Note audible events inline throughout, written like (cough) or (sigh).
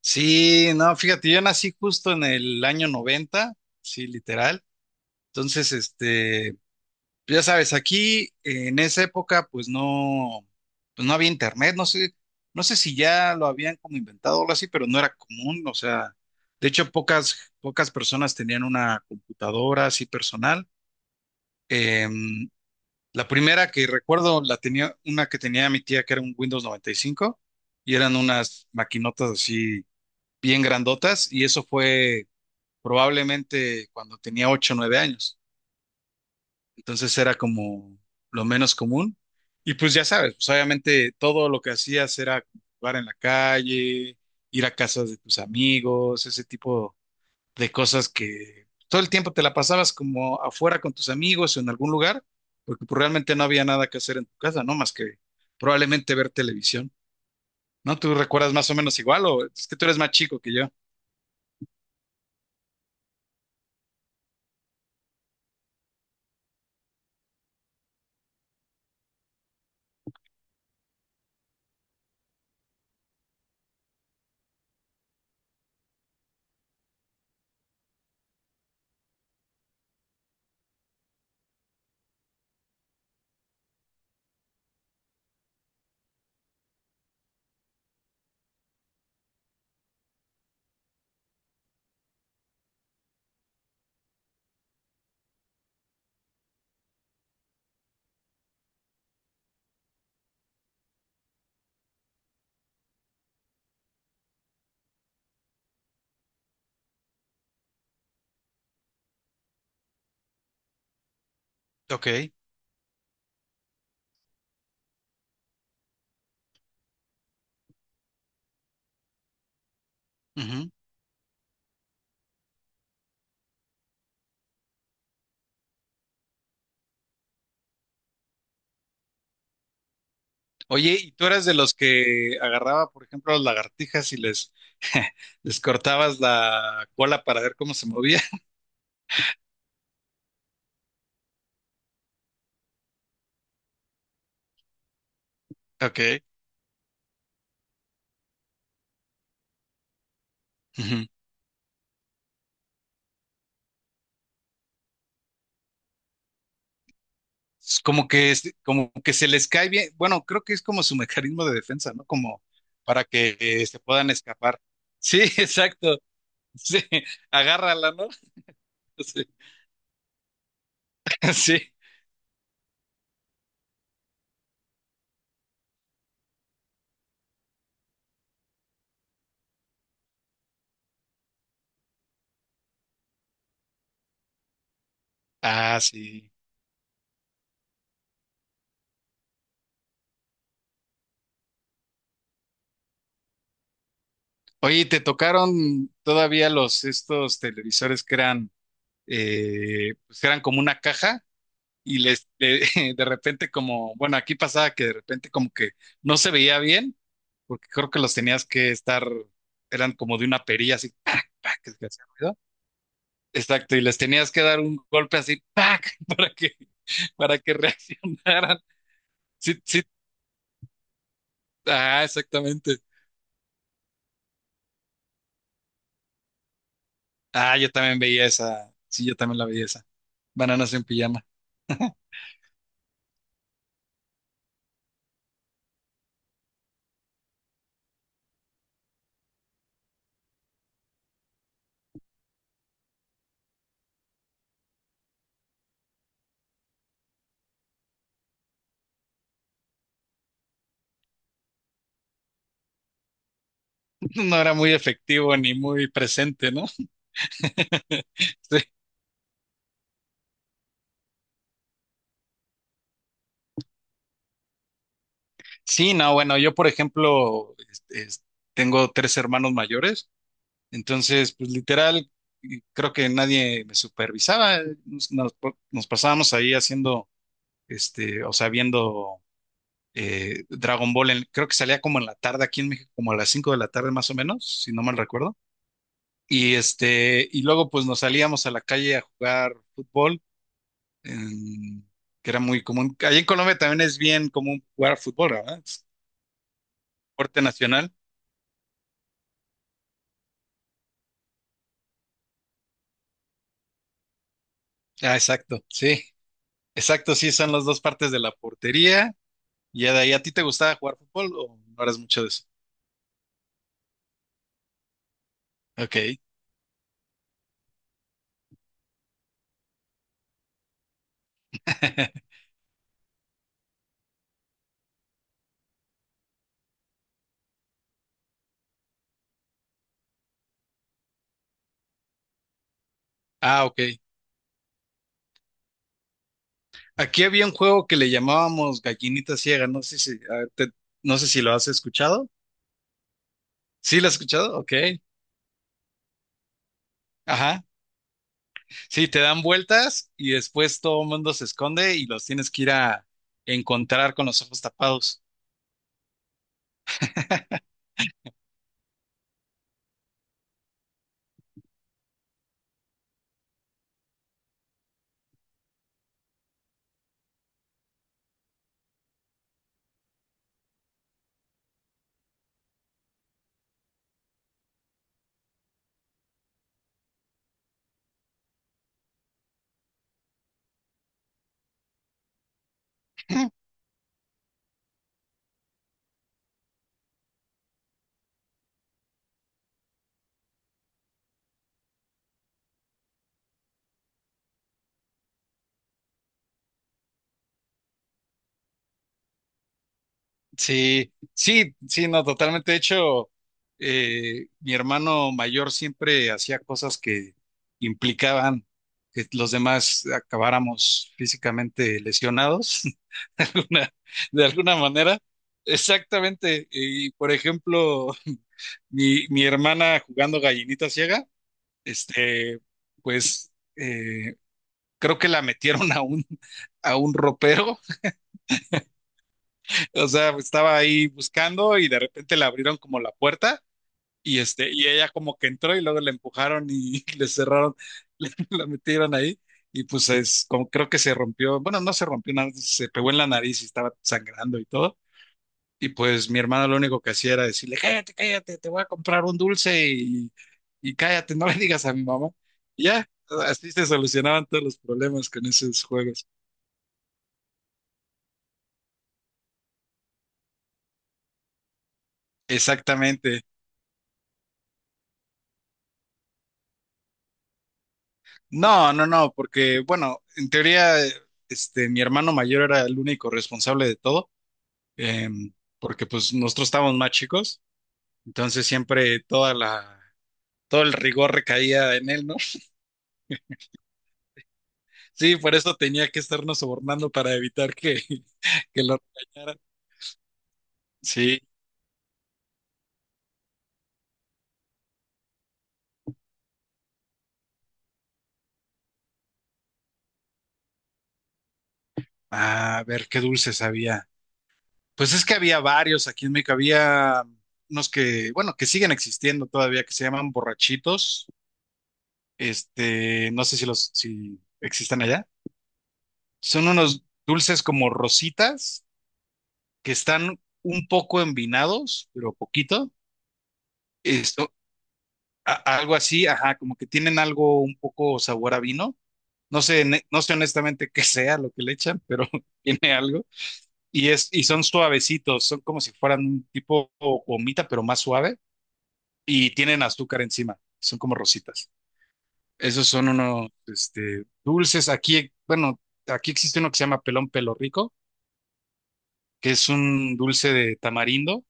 Sí, no, fíjate, yo nací justo en el año 90, sí, literal. Entonces, este, ya sabes, aquí en esa época, pues no había internet, no sé, no sé si ya lo habían como inventado o algo así, pero no era común, o sea, de hecho, pocas personas tenían una computadora así personal. Em, la primera que recuerdo la tenía, una que tenía mi tía que era un Windows 95 y eran unas maquinotas así bien grandotas, y eso fue probablemente cuando tenía ocho o 9 años. Entonces era como lo menos común. Y pues ya sabes, pues obviamente todo lo que hacías era jugar en la calle, ir a casas de tus amigos, ese tipo de cosas, que todo el tiempo te la pasabas como afuera con tus amigos o en algún lugar, porque pues realmente no había nada que hacer en tu casa, ¿no? Más que probablemente ver televisión, ¿no? ¿Tú recuerdas más o menos igual o es que tú eres más chico que yo? Ok. Ujú. Oye, ¿y tú eras de los que agarraba, por ejemplo, las lagartijas y les, (laughs) les cortabas la cola para ver cómo se movía? (laughs) Ok. Ujú. Es- como que se les cae bien. Bueno, creo que es como su mecanismo de defensa, ¿no? Como para que se puedan escapar. Sí, (laughs) exacto. Sí, agárrala, ¿no? (laughs) Sí. Sí. Ah, sí. Oye, ¿y ¿te tocaron todavía los estos televisores que eran, pues que eran como una caja? Y les, le- (laughs) de repente como, bueno, aquí pasaba que de repente como que no se veía bien, porque creo que los tenías que estar, eran como de una perilla así, ¡pac! ¡pac!, que hacía ruido. Exacto, y les tenías que dar un golpe así, ¡pac! (laughs) Para que (laughs) reaccionaran. Sí, sí, ah, exactamente. Ah, yo también veía esa, sí, yo también la veía esa. Bananas en pijama. (laughs) No era muy efectivo ni muy presente, ¿no? (laughs) Sí, no, bueno, yo por ejemplo tengo tres hermanos mayores, entonces pues literal y creo que nadie me supervisaba, nos pasábamos ahí haciendo, este, o sea, viendo Dragon Ball, en- creo que salía como en la tarde aquí en México, como a las 5 de la tarde más o menos, si no mal recuerdo, y este, y luego pues nos salíamos a la calle a jugar fútbol, en- que era muy común. Allí en Colombia también es bien común jugar fútbol, ¿verdad? Es deporte nacional. Ah, exacto, sí, exacto, sí, son las dos partes de la portería. Y ya de ahí, ¿a ti te gustaba jugar fútbol o no eras mucho de eso? Ok. (laughs) Ah, ok. Aquí había un juego que le llamábamos Gallinita Ciega, no sé si, a ver, te- no sé si lo has escuchado. ¿Sí lo has escuchado? Ok. Ajá. Sí, te dan vueltas y después todo el mundo se esconde y los tienes que ir a encontrar con los ojos tapados. Sí, sí, sí, no, totalmente. De hecho, mi hermano mayor siempre hacía cosas que implicaban que los demás acabáramos físicamente lesionados, (laughs) de alguna, de alguna manera. Exactamente. Y por ejemplo, (laughs) mi hermana jugando gallinita ciega, este, pues eh, creo que la metieron a un ropero. O sea, estaba ahí buscando y de repente le abrieron como la puerta y este, y ella como que entró y luego le empujaron y (laughs) le cerraron, le- la metieron ahí, y pues es como creo que se rompió, bueno, no se rompió nada, se pegó en la nariz y estaba sangrando y todo. Y pues mi hermano lo único que hacía era decirle, cállate, cállate, te voy a comprar un dulce y cállate, no le digas a mi mamá. Y ya, así se solucionaban todos los problemas con esos juegos. Exactamente. No, no, no, porque bueno, en teoría, este, mi hermano mayor era el único responsable de todo, em, porque pues nosotros estábamos más chicos, entonces siempre toda la, todo el rigor recaía en él, ¿no? (laughs) Sí, por eso tenía que estarnos sobornando para evitar que, (laughs) que lo regañaran. Sí, ah, a ver qué dulces había. Pues es que había varios aquí en México, había unos que, bueno, que siguen existiendo todavía, que se llaman borrachitos, este, no sé si los, si existen allá. Son unos dulces como rositas que están un poco envinados, pero poquito. Esto, a- algo así, ajá, como que tienen algo un poco sabor a vino. No sé, ne- no sé honestamente (laughs) qué sea lo que le echan, pero (laughs) tiene algo. Y es, y son suavecitos, son como si fueran un tipo gomita, pero más suave, y tienen azúcar encima. Son como rositas. Esos son unos, este, dulces. Aquí, bueno, aquí existe uno que se llama pelón pelo rico, que es un dulce de tamarindo,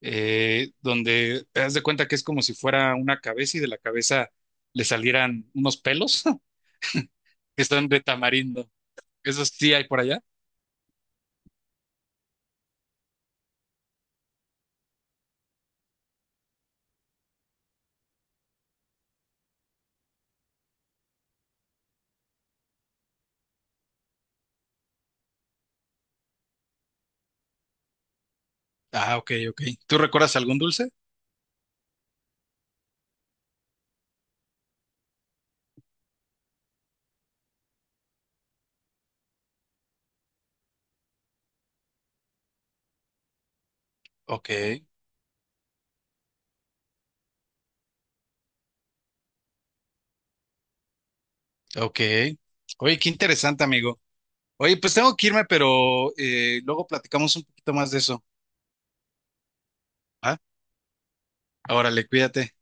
donde te das de cuenta que es como si fuera una cabeza y de la cabeza le salieran unos pelos (laughs) que están de tamarindo. ¿Eso sí hay por allá? Ah, ok, ok. ¿Tú recuerdas algún dulce? Ok, ok. Oye, qué interesante, amigo. Oye, pues tengo que irme, pero luego platicamos un poquito más de eso. ¿Ah? Órale, cuídate.